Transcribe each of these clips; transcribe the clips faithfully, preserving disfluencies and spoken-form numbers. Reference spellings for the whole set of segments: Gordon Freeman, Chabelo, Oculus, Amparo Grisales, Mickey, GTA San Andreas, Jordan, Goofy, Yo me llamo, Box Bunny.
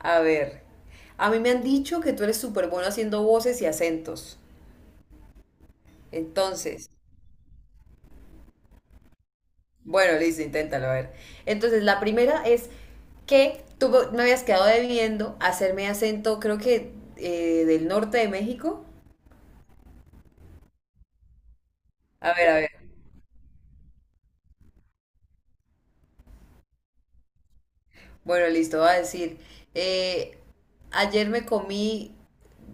A ver, a mí me han dicho que tú eres súper bueno haciendo voces y acentos. Entonces, bueno, listo, inténtalo, a ver. Entonces, la primera es que tú me habías quedado debiendo hacerme acento, creo que eh, del norte de México. A ver, a ver. Bueno, listo, va a decir, eh, ayer me comí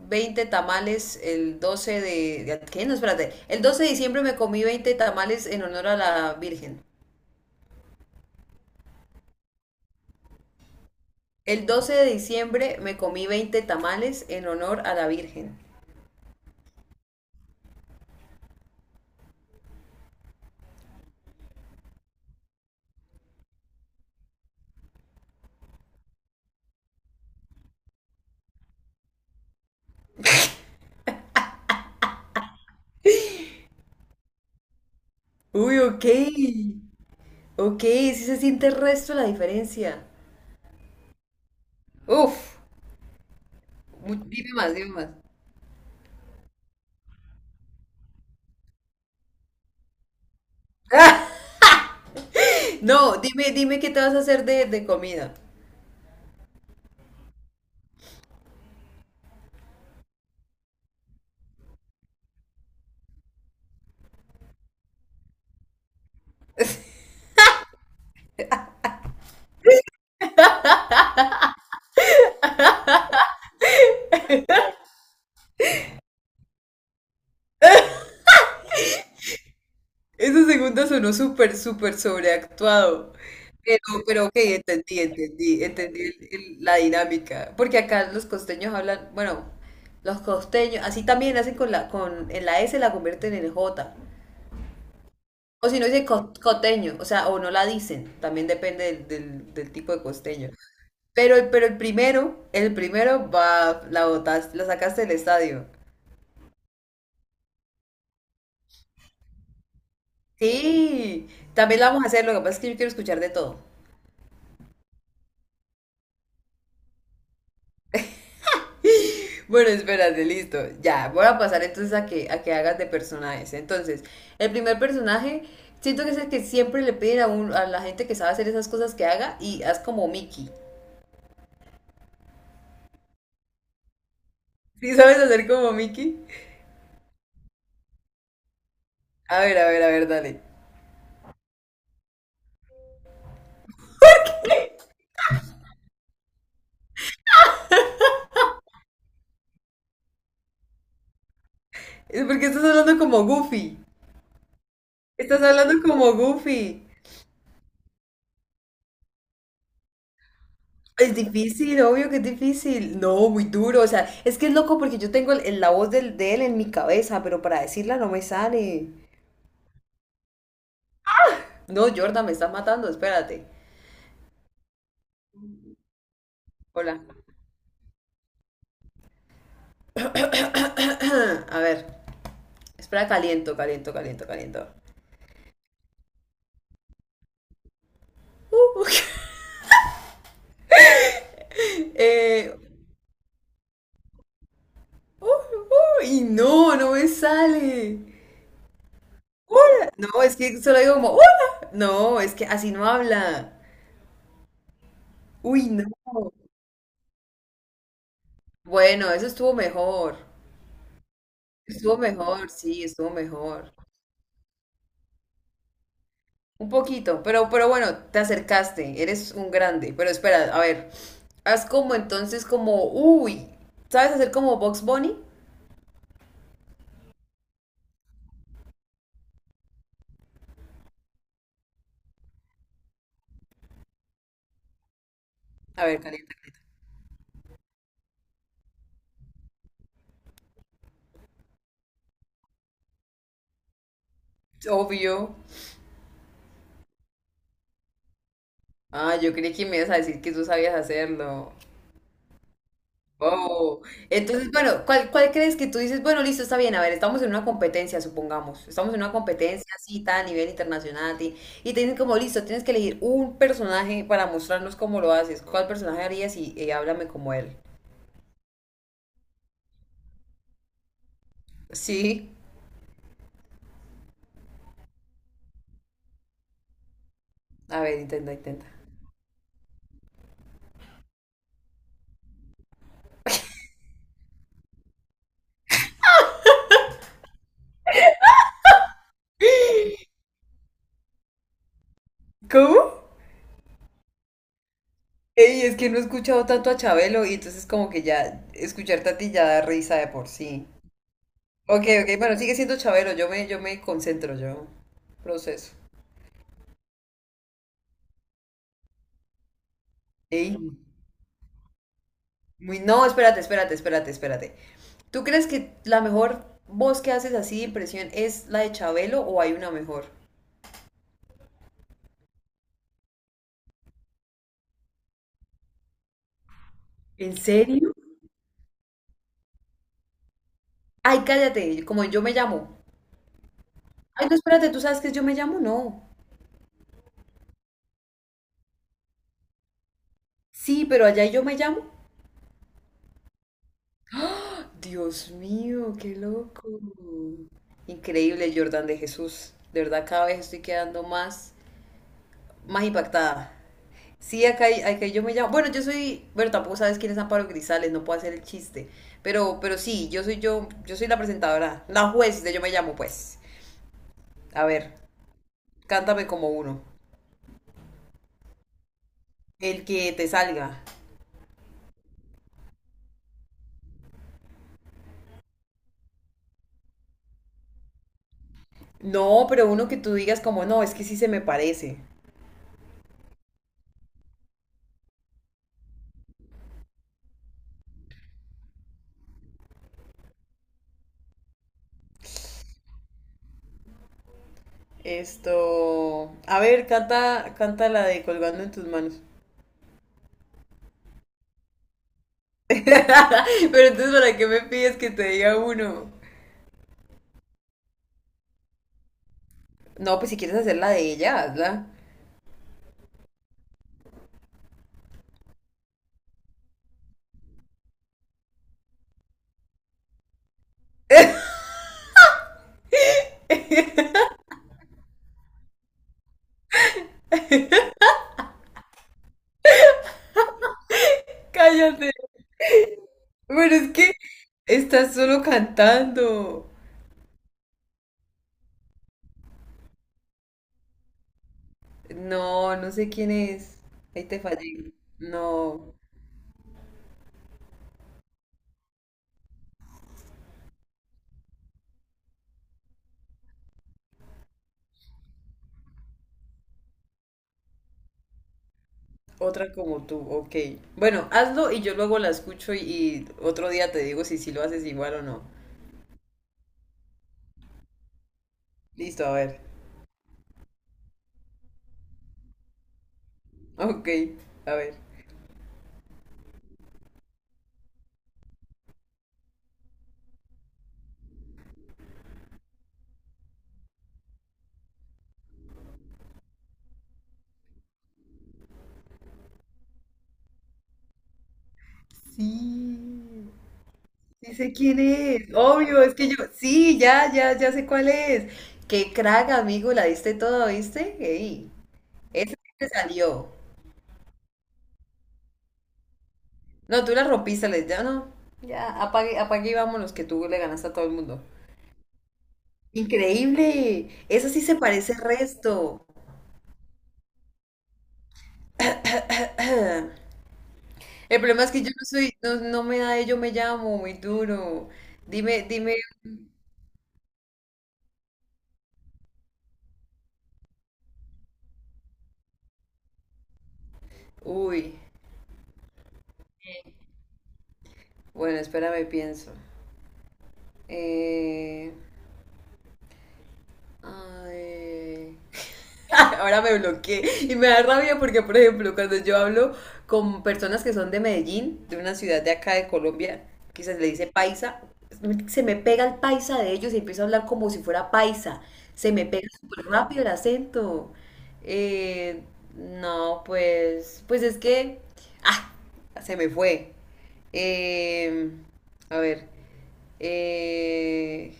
veinte tamales el doce de... de- ¿Qué? No, espérate. El doce de diciembre me comí veinte tamales en honor a la Virgen. El doce de diciembre me comí veinte tamales en honor a la Virgen. Uy, ok. Ok, sí se siente el resto la diferencia. Uf, mu- dime más, dime más. ¡Ah! No, dime, dime qué te vas a hacer de, de comida. Esa segunda sonó súper, súper sobreactuado. Pero, pero ok, entendí, entendí, entendí el- el- la dinámica. Porque acá los costeños hablan, bueno, los costeños, así también hacen con la, con, en la S la convierten en J. O si no dice co- coteño, o sea, o no la dicen, también depende del, del- del tipo de costeño. Pero, el- pero el primero, el primero va, la botaste, la sacaste del estadio. Sí, también la vamos a hacer, lo que pasa es que yo quiero escuchar de todo. Bueno, espérate, listo. Ya, voy a pasar entonces a que, a que hagas de personajes. Entonces, el primer personaje, siento que es el que siempre le piden a, un, a la gente que sabe hacer esas cosas que haga y haz como Mickey. ¿Sí sabes hacer como Mickey? A ver, a ver, a ver, dale. Es porque estás hablando como Goofy. Estás hablando como Goofy. Es difícil, obvio que es difícil. No, muy duro. O sea, es que es loco porque yo tengo el- el- la voz del- de él en mi cabeza, pero para decirla no me sale. No, Jordan, me estás matando, espérate. Hola. A ver, espera, caliento, caliento, caliento, caliento. Uh, eh, uh, uh, y no, no me sale. No, es que solo digo como, "Hola". No, es que así no habla. Uy, no. Bueno, eso estuvo mejor. Estuvo mejor, sí, estuvo mejor. Un poquito, pero, pero bueno, te acercaste, eres un grande. Pero espera, a ver, haz como entonces como, uy, ¿sabes hacer como Box Bunny? A ver, calienta. Obvio. Ah, yo creí que me ibas a decir que tú sabías hacerlo. Oh, entonces, bueno, ¿cuál, cuál crees que tú dices? Bueno, listo, está bien, a ver, estamos en una competencia, supongamos, estamos en una competencia así, tan a nivel internacional, ti- y te dicen como, listo, tienes que elegir un personaje para mostrarnos cómo lo haces, ¿cuál personaje harías y, eh, háblame como él? Sí, a ver, intenta, intenta. ¿Cómo? Ey, es que no he escuchado tanto a Chabelo y entonces como que ya escucharte a ti ya da risa de por sí. Ok, ok, bueno, sigue siendo Chabelo, yo me, yo me concentro, yo proceso. Ey. Muy, no, espérate, espérate, espérate, espérate. ¿Tú crees que la mejor voz que haces así de impresión es la de Chabelo o hay una mejor? ¿En serio? Ay, cállate, como yo me llamo. Ay, no, espérate, ¿tú sabes que es yo me llamo? No. Sí, pero allá hay yo me llamo. Dios mío, qué loco. Increíble, Jordan de Jesús. De verdad, cada vez estoy quedando más, más impactada. Sí, acá, hay- acá yo me llamo. Bueno, yo soy. Bueno, tampoco sabes quién es Amparo Grisales, no puedo hacer el chiste. Pero, pero sí, yo soy yo, yo soy la presentadora, la juez de Yo me llamo, pues. A ver, cántame como uno. El que te salga. No, pero uno que tú digas como, no, es que sí se me parece. Esto. A ver, canta, canta la de colgando en tus manos. Pero entonces, ¿para qué me pides que te diga uno? No, pues si quieres hacer la de ella, hazla. Cállate. Pero es que estás solo cantando. No, no sé quién es. Ahí te fallé. No, otra como tú, ok. Bueno, hazlo y yo luego la escucho y, y otro día te digo si, si lo haces igual o no. Listo, a ver. Ok, a ver. Sí, sí sé quién es. Obvio, es que yo. Sí, ya, ya, ya sé cuál es. Qué crack, amigo, la diste toda, ¿viste? Ey, esa sí te salió. No, tú la rompiste, le ya no. Ya, apague, apague y vámonos, que tú le ganaste a todo el mundo. Increíble, esa sí se parece al resto. El problema es que yo no soy, no, no me da de yo me llamo, muy duro. Dime, dime, uy, bueno, espérame, pienso. Eh, Ay. Ahora me bloqueé y me da rabia porque, por ejemplo, cuando yo hablo con personas que son de Medellín, de una ciudad de acá de Colombia, que se le dice paisa, se me pega el paisa de ellos y empiezo a hablar como si fuera paisa. Se me pega súper rápido el acento. Eh, no, pues, pues es que, ah, se me fue. Eh, a ver. Eh,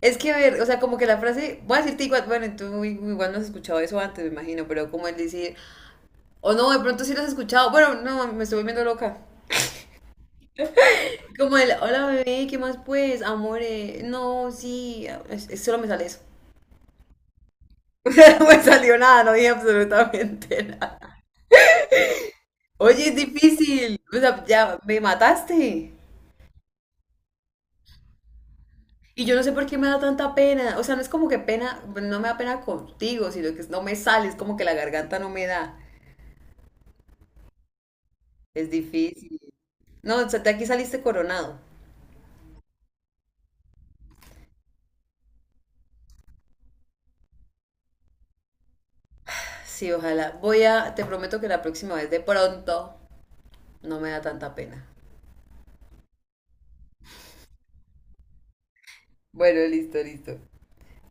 Es que, a ver, o sea, como que la frase, voy a decirte igual, bueno, tú igual no has escuchado eso antes, me imagino, pero como el decir, o no, de pronto sí lo has escuchado, bueno, no, me estoy volviendo loca. Como el, hola bebé, ¿qué más pues? Amore, no, sí, es- es- solo me sale eso. No me salió nada, no dije absolutamente nada. Oye, es difícil, o sea, ya me mataste. Y yo no sé por qué me da tanta pena, o sea, no es como que pena, no me da pena contigo, sino que no me sale, es como que la garganta no me da, es difícil. No, o sea, de aquí saliste coronado. Sí, ojalá. Voy a, te prometo que la próxima vez de pronto no me da tanta pena. Bueno, listo, listo.